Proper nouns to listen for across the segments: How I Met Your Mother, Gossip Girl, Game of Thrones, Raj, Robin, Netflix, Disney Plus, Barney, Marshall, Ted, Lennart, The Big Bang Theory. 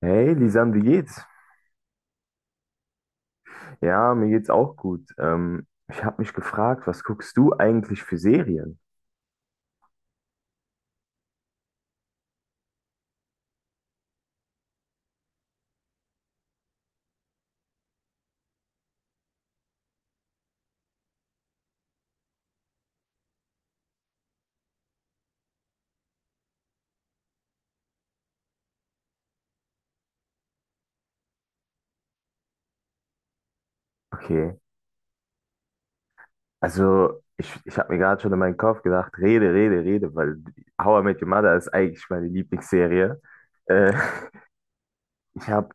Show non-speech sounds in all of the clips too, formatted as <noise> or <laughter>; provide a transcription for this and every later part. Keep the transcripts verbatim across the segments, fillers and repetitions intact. Hey, Lisan, wie geht's? Ja, mir geht's auch gut. Ähm, ich habe mich gefragt, was guckst du eigentlich für Serien? Okay, also ich, ich habe mir gerade schon in meinen Kopf gedacht, rede, rede, rede, weil How I Met Your Mother ist eigentlich meine Lieblingsserie. Äh, <laughs> Ich habe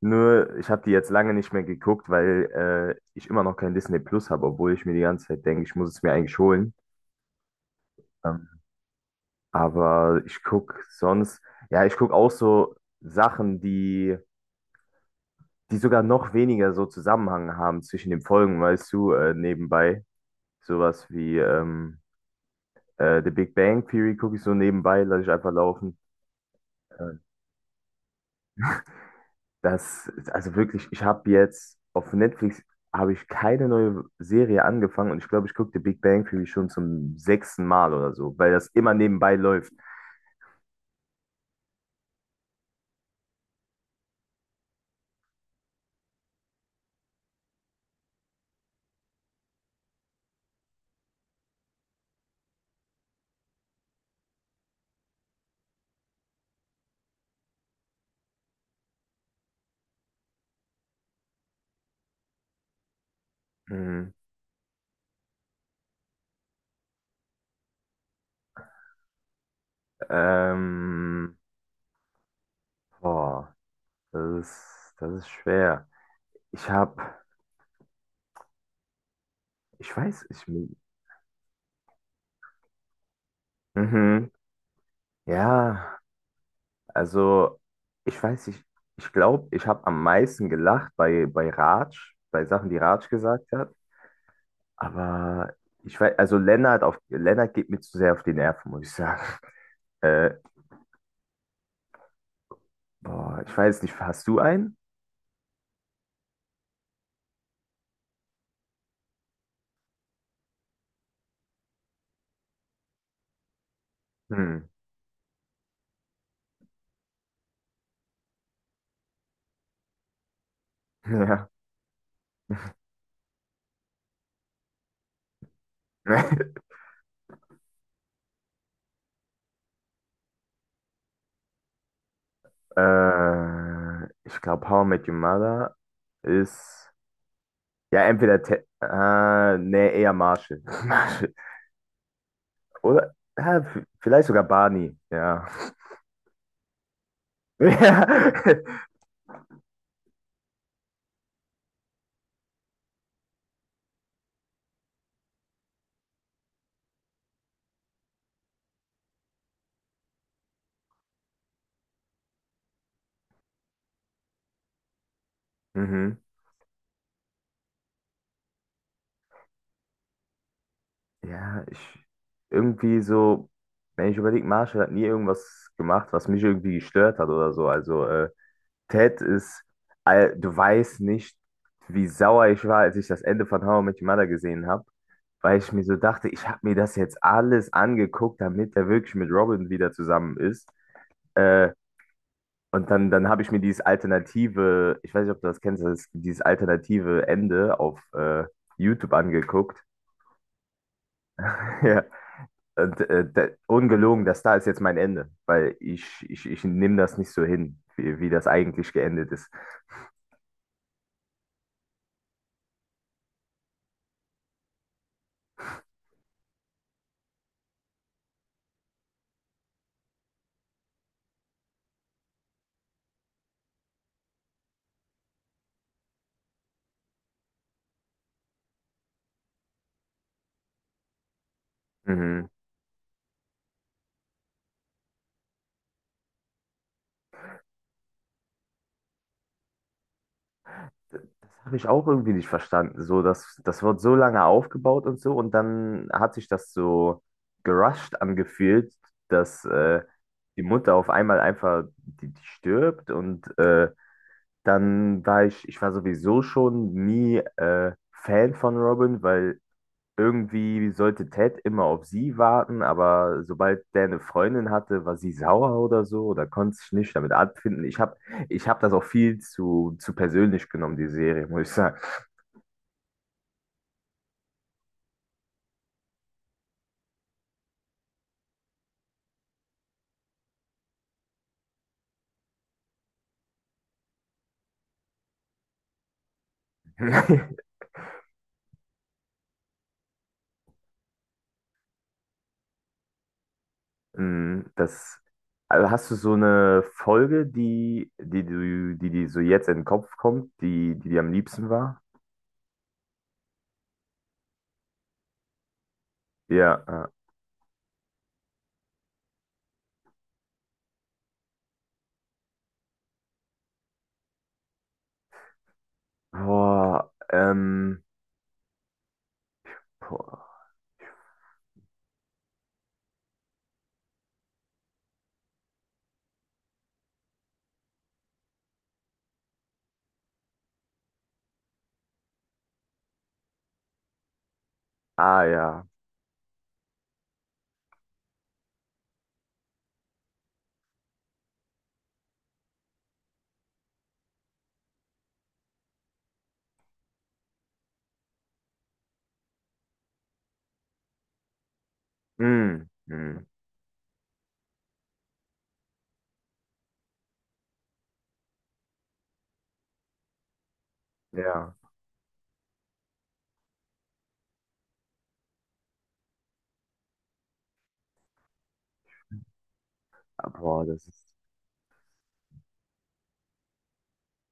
nur, ich habe die jetzt lange nicht mehr geguckt, weil äh, ich immer noch kein Disney Plus habe, obwohl ich mir die ganze Zeit denke, ich muss es mir eigentlich holen. Ähm, aber ich guck sonst, ja, ich guck auch so Sachen, die die sogar noch weniger so Zusammenhang haben zwischen den Folgen, weißt du, äh, nebenbei. Sowas wie ähm, äh, The Big Bang Theory gucke ich so nebenbei, lasse ich einfach laufen. Äh, Das ist also wirklich, ich habe jetzt auf Netflix habe ich keine neue Serie angefangen und ich glaube, ich gucke The Big Bang Theory schon zum sechsten Mal oder so, weil das immer nebenbei läuft. Mhm. Ähm, Boah, das ist, das ist schwer. Ich habe, ich weiß, ich, mhm, ja. Also, ich weiß nicht, ich glaube, ich habe am meisten gelacht bei, bei Raj, bei Sachen, die Raj gesagt hat. Aber ich weiß, also Lennart, auf, Lennart geht mir zu sehr auf die Nerven, muss ich sagen. <laughs> Äh, Boah, ich weiß nicht, hast du einen? Hm, ja. <laughs> Äh, ich glaube, How I Met Your Mother ist, ja, entweder, Te äh, nee, eher Marshall. <laughs> Marshall. Oder, ja, v- vielleicht sogar Barney, ja. <laughs> Ja. Mhm. Ja, ich irgendwie so, wenn ich überlege, Marshall hat nie irgendwas gemacht, was mich irgendwie gestört hat oder so. Also äh, Ted ist, all- du weißt nicht, wie sauer ich war, als ich das Ende von How I Met Your Mother gesehen habe, weil ich mir so dachte, ich habe mir das jetzt alles angeguckt, damit er wirklich mit Robin wieder zusammen ist. Äh, und dann, dann habe ich mir dieses alternative, ich weiß nicht, ob du das kennst, das, dieses alternative Ende auf äh, YouTube angeguckt. <laughs> Und, äh, da, ungelogen, das da ist jetzt mein Ende, weil ich, ich, ich nehme das nicht so hin, wie, wie das eigentlich geendet ist. Mhm. Das habe ich auch irgendwie nicht verstanden. So, das, das wird so lange aufgebaut und so, und dann hat sich das so gerusht angefühlt, dass äh, die Mutter auf einmal einfach die, die stirbt und äh, dann war ich, ich war sowieso schon nie äh, Fan von Robin, weil irgendwie sollte Ted immer auf sie warten, aber sobald der eine Freundin hatte, war sie sauer oder so oder konnte sich nicht damit abfinden. Ich habe ich hab das auch viel zu, zu persönlich genommen, die Serie, muss ich sagen. <laughs> Mm, das, also hast du so eine Folge, die, die, du- die, die so jetzt in den Kopf kommt, die, die dir am liebsten war? Ja. Ja. Boah, ähm, boah. Ah ja. Mm, mm, ja. Ah, boah, das ist.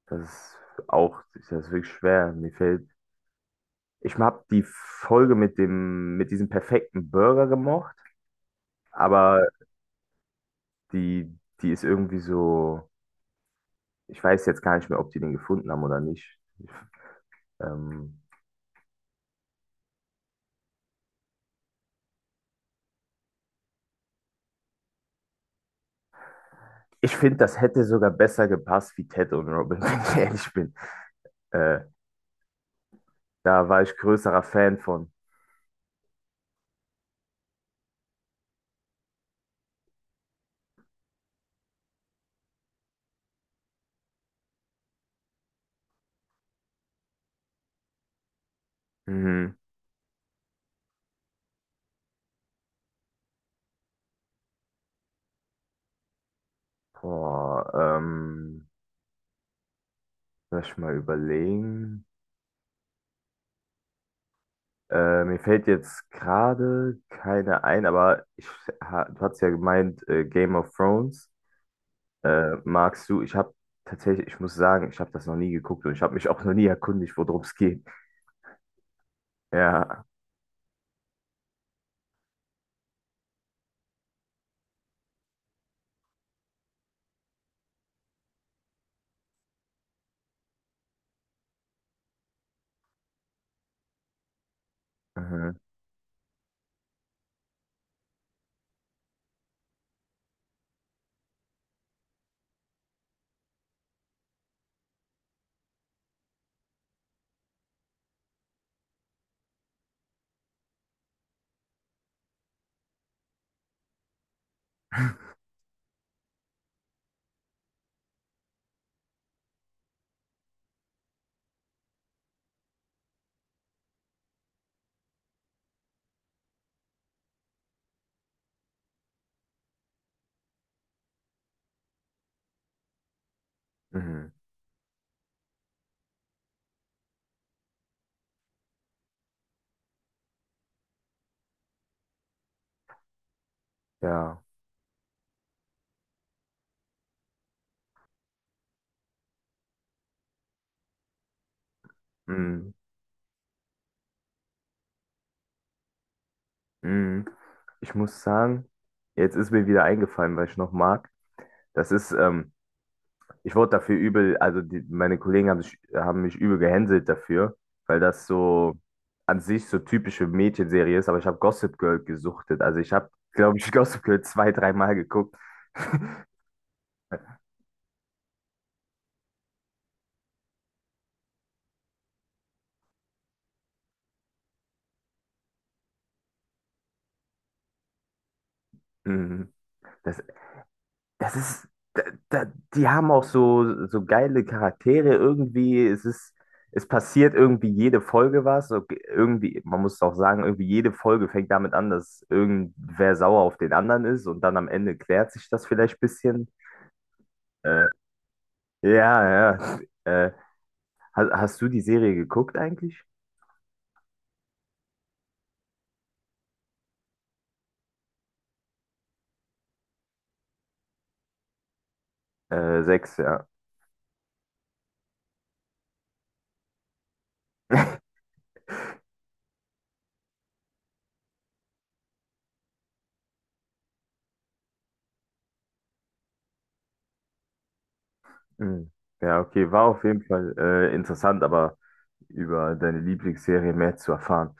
Das ist auch, das ist wirklich schwer. Mir fällt. Ich habe die Folge mit dem, mit diesem perfekten Burger gemocht, aber die, die ist irgendwie so. Ich weiß jetzt gar nicht mehr, ob die den gefunden haben oder nicht. Ich, ähm, ich finde, das hätte sogar besser gepasst wie Ted und Robin, <laughs> wenn ich ehrlich bin. Äh, Da war ich größerer Fan von. Mhm. Boah, ähm, lass ich mal überlegen. Äh, mir fällt jetzt gerade keine ein, aber ich, ha, du hast ja gemeint, äh, Game of Thrones äh, magst du. Ich habe tatsächlich, ich muss sagen, ich habe das noch nie geguckt und ich habe mich auch noch nie erkundigt, worum es geht. Ja, mhm. Mhm. Ja, mhm. Mhm. Ich muss sagen, jetzt ist mir wieder eingefallen, weil ich noch mag. Das ist ähm, ich wurde dafür übel, also die, meine Kollegen haben, sich, haben mich übel gehänselt dafür, weil das so an sich so typische Mädchenserie ist, aber ich habe Gossip Girl gesuchtet. Also ich habe, glaube ich, <laughs> Gossip Girl zwei, dreimal geguckt. <laughs> Mhm. Das, das ist, da, da, die haben auch so, so geile Charaktere irgendwie. Es ist, es passiert irgendwie jede Folge was. So, irgendwie, man muss auch sagen, irgendwie jede Folge fängt damit an, dass irgendwer sauer auf den anderen ist und dann am Ende klärt sich das vielleicht ein bisschen. Äh, Ja, ja. Äh, hast, hast du die Serie geguckt eigentlich? Äh, sechs, ja. Hm. Ja, okay, war auf jeden Fall äh, interessant, aber über deine Lieblingsserie mehr zu erfahren.